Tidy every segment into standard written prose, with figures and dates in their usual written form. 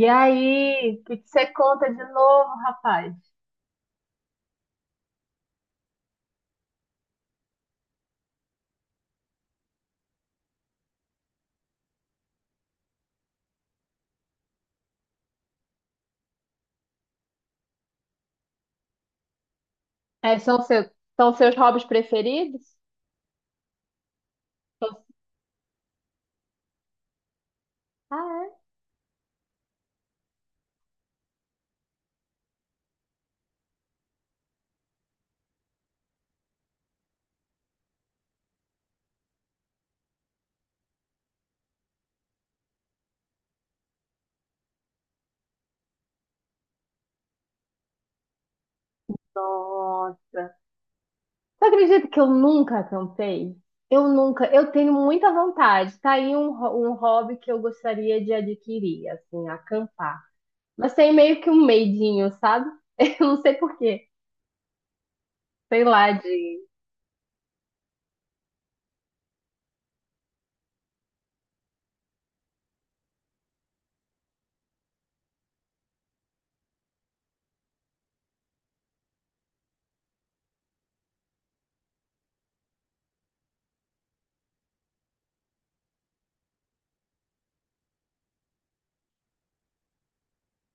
E aí, o que que você conta de novo, rapaz? É, são, seu, são seus hobbies preferidos? São- Ah, é? Nossa. Você acredita que eu nunca acampei? Eu nunca, eu tenho muita vontade. Tá aí um hobby que eu gostaria de adquirir, assim, acampar. Mas tem meio que um medinho, sabe? Eu não sei por quê. Sei lá, de.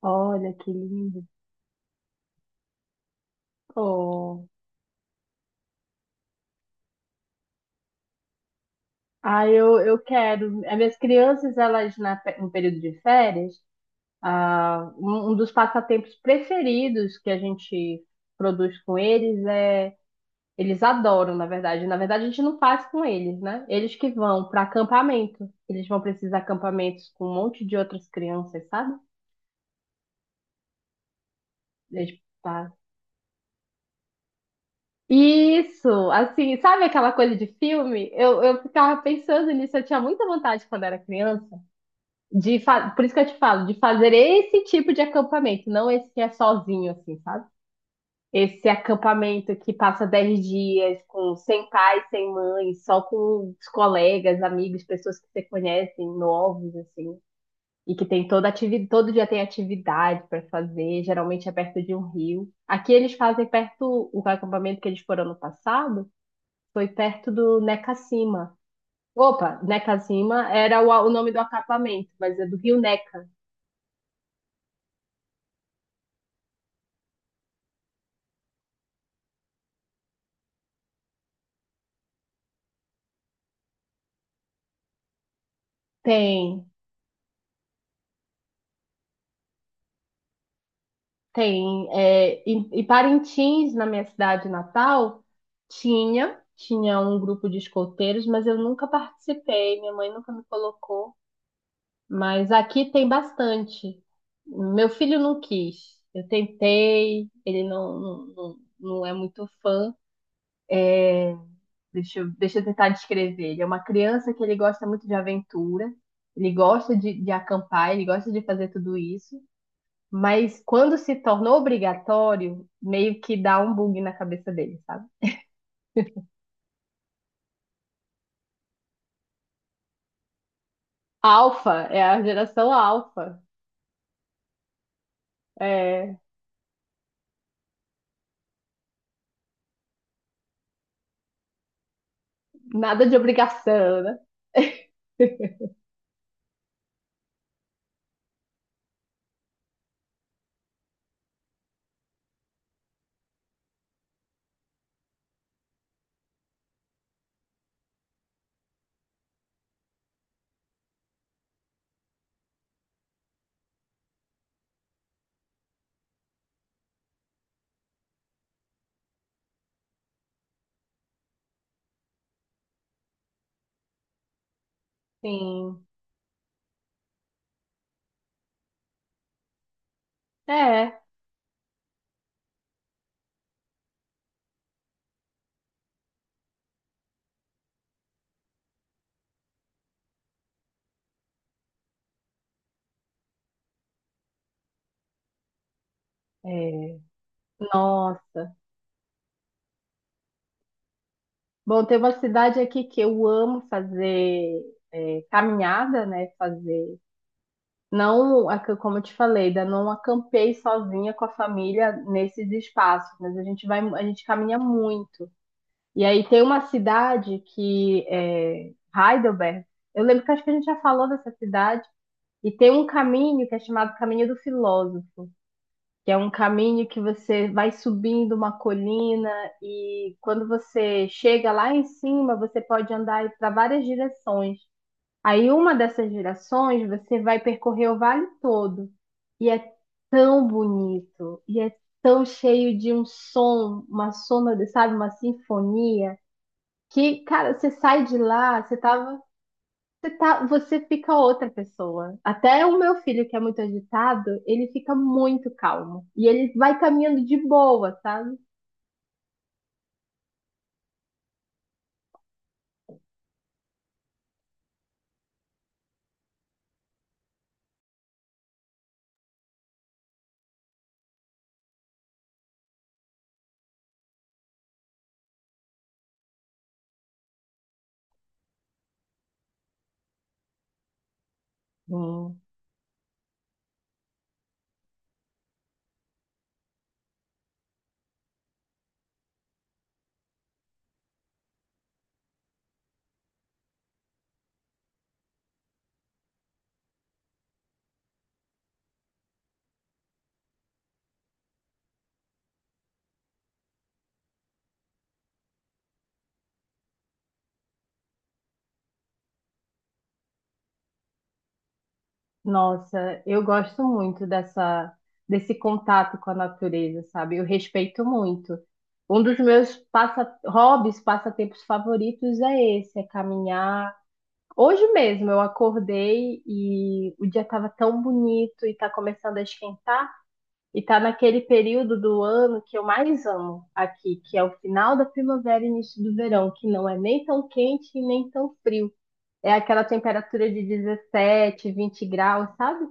Olha que lindo. Oh. Ah, eu quero. As minhas crianças, no período de férias. Ah, um dos passatempos preferidos que a gente produz com eles é. Eles adoram, na verdade. Na verdade, a gente não faz com eles, né? Eles que vão para acampamento. Eles vão para esses acampamentos com um monte de outras crianças, sabe? Eles pa- Isso, assim, sabe aquela coisa de filme? Eu ficava pensando nisso, eu tinha muita vontade quando era criança, por isso que eu te falo, de fazer esse tipo de acampamento, não esse que é sozinho, assim, sabe? Esse acampamento que passa 10 dias com sem pai, sem mãe, só com os colegas, amigos, pessoas que você conhece, novos, assim. E que tem toda atividade, todo dia tem atividade para fazer, geralmente é perto de um rio. Aqui eles fazem perto, o acampamento que eles foram ano passado foi perto do Neca Necacima. Opa, Neca Necacima era o nome do acampamento, mas é do Rio Neca. Tem. Tem, é, e Parintins, na minha cidade natal, tinha um grupo de escoteiros, mas eu nunca participei, minha mãe nunca me colocou. Mas aqui tem bastante. Meu filho não quis. Eu tentei, ele não, não, não, não é muito fã. Deixa eu tentar descrever. Ele é uma criança que ele gosta muito de aventura, ele gosta de acampar, ele gosta de fazer tudo isso. Mas quando se tornou obrigatório, meio que dá um bug na cabeça dele, sabe? Alfa, é a geração alfa. É, nada de obrigação, né? Sim. É, é. Nossa. Bom, tem uma cidade aqui que eu amo fazer é, caminhada, né? Fazer. Não, como eu te falei, ainda não acampei sozinha com a família nesses espaços, mas a gente vai, a gente caminha muito. E aí tem uma cidade que é Heidelberg. Eu lembro que acho que a gente já falou dessa cidade. E tem um caminho que é chamado Caminho do Filósofo, que é um caminho que você vai subindo uma colina e quando você chega lá em cima, você pode andar para várias direções. Aí uma dessas direções você vai percorrer o vale todo. E é tão bonito, e é tão cheio de um som, uma soma, sabe, uma sinfonia que, cara, você sai de lá, você tava, você tá, você fica outra pessoa. Até o meu filho, que é muito agitado, ele fica muito calmo. E ele vai caminhando de boa, sabe? Hum. Nossa, eu gosto muito dessa, desse contato com a natureza, sabe? Eu respeito muito. Um dos meus passatempos favoritos é esse, é caminhar. Hoje mesmo eu acordei e o dia estava tão bonito e está começando a esquentar e está naquele período do ano que eu mais amo aqui, que é o final da primavera e início do verão, que não é nem tão quente e nem tão frio. É aquela temperatura de 17, 20 graus, sabe?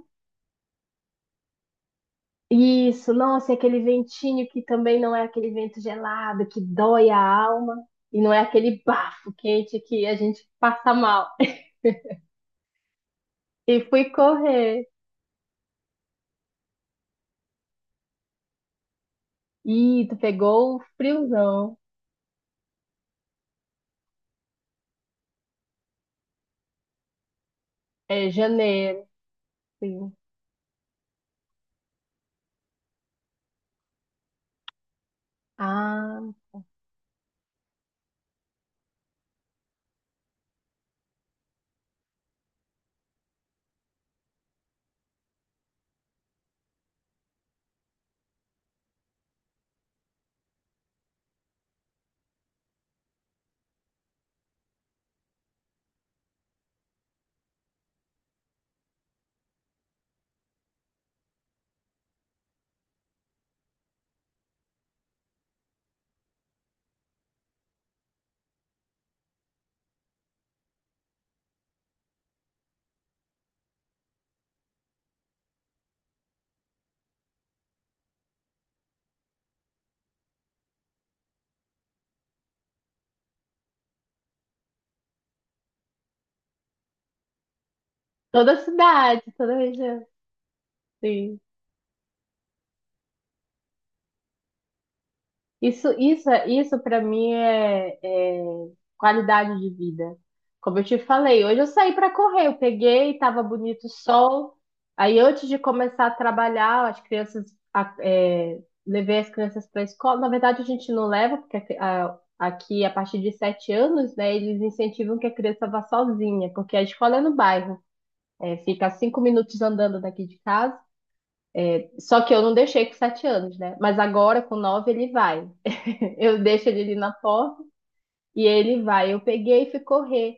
Isso, nossa, e aquele ventinho que também não é aquele vento gelado que dói a alma e não é aquele bafo quente que a gente passa mal. E fui correr. Ih, tu pegou o friozão. É janeiro, sim. Ah, toda a cidade, toda a região, sim. Isso para mim é qualidade de vida. Como eu te falei, hoje eu saí para correr, eu peguei, estava bonito o sol. Aí antes de começar a trabalhar, as crianças, a- é, levei as crianças para a escola. Na verdade, a gente não leva, porque aqui, aqui a partir de 7 anos, né, eles incentivam que a criança vá sozinha, porque a escola é no bairro. É, fica a 5 minutos andando daqui de casa. Só que eu não deixei com 7 anos, né? Mas agora, com nove, ele vai. Eu deixo ele ali na porta e ele vai. Eu peguei e fui correr.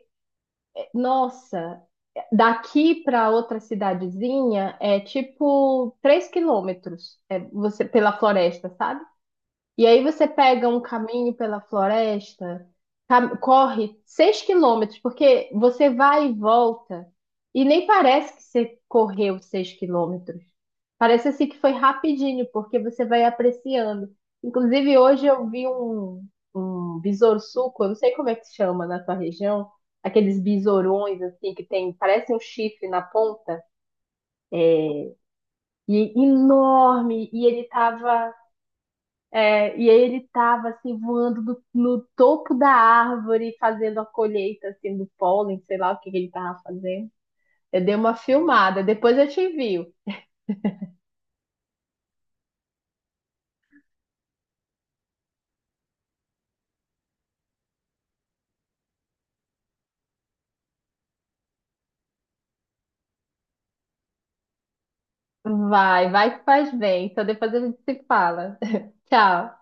Nossa, daqui para outra cidadezinha é tipo 3 quilômetros é, você, pela floresta, sabe? E aí você pega um caminho pela floresta, corre 6 quilômetros, porque você vai e volta, e nem parece que você correu 6 quilômetros. Parece assim que foi rapidinho, porque você vai apreciando. Inclusive, hoje um besouro suco, eu não sei como é que se chama na tua região, aqueles besourões assim que tem, parece um chifre na ponta, e enorme, e ele tava. É, e aí ele estava assim, voando no topo da árvore, fazendo a colheita assim, do pólen, sei lá o que que ele estava fazendo. Eu dei uma filmada, depois eu te envio. Vai, vai que faz bem. Então depois a gente se fala. Tchau.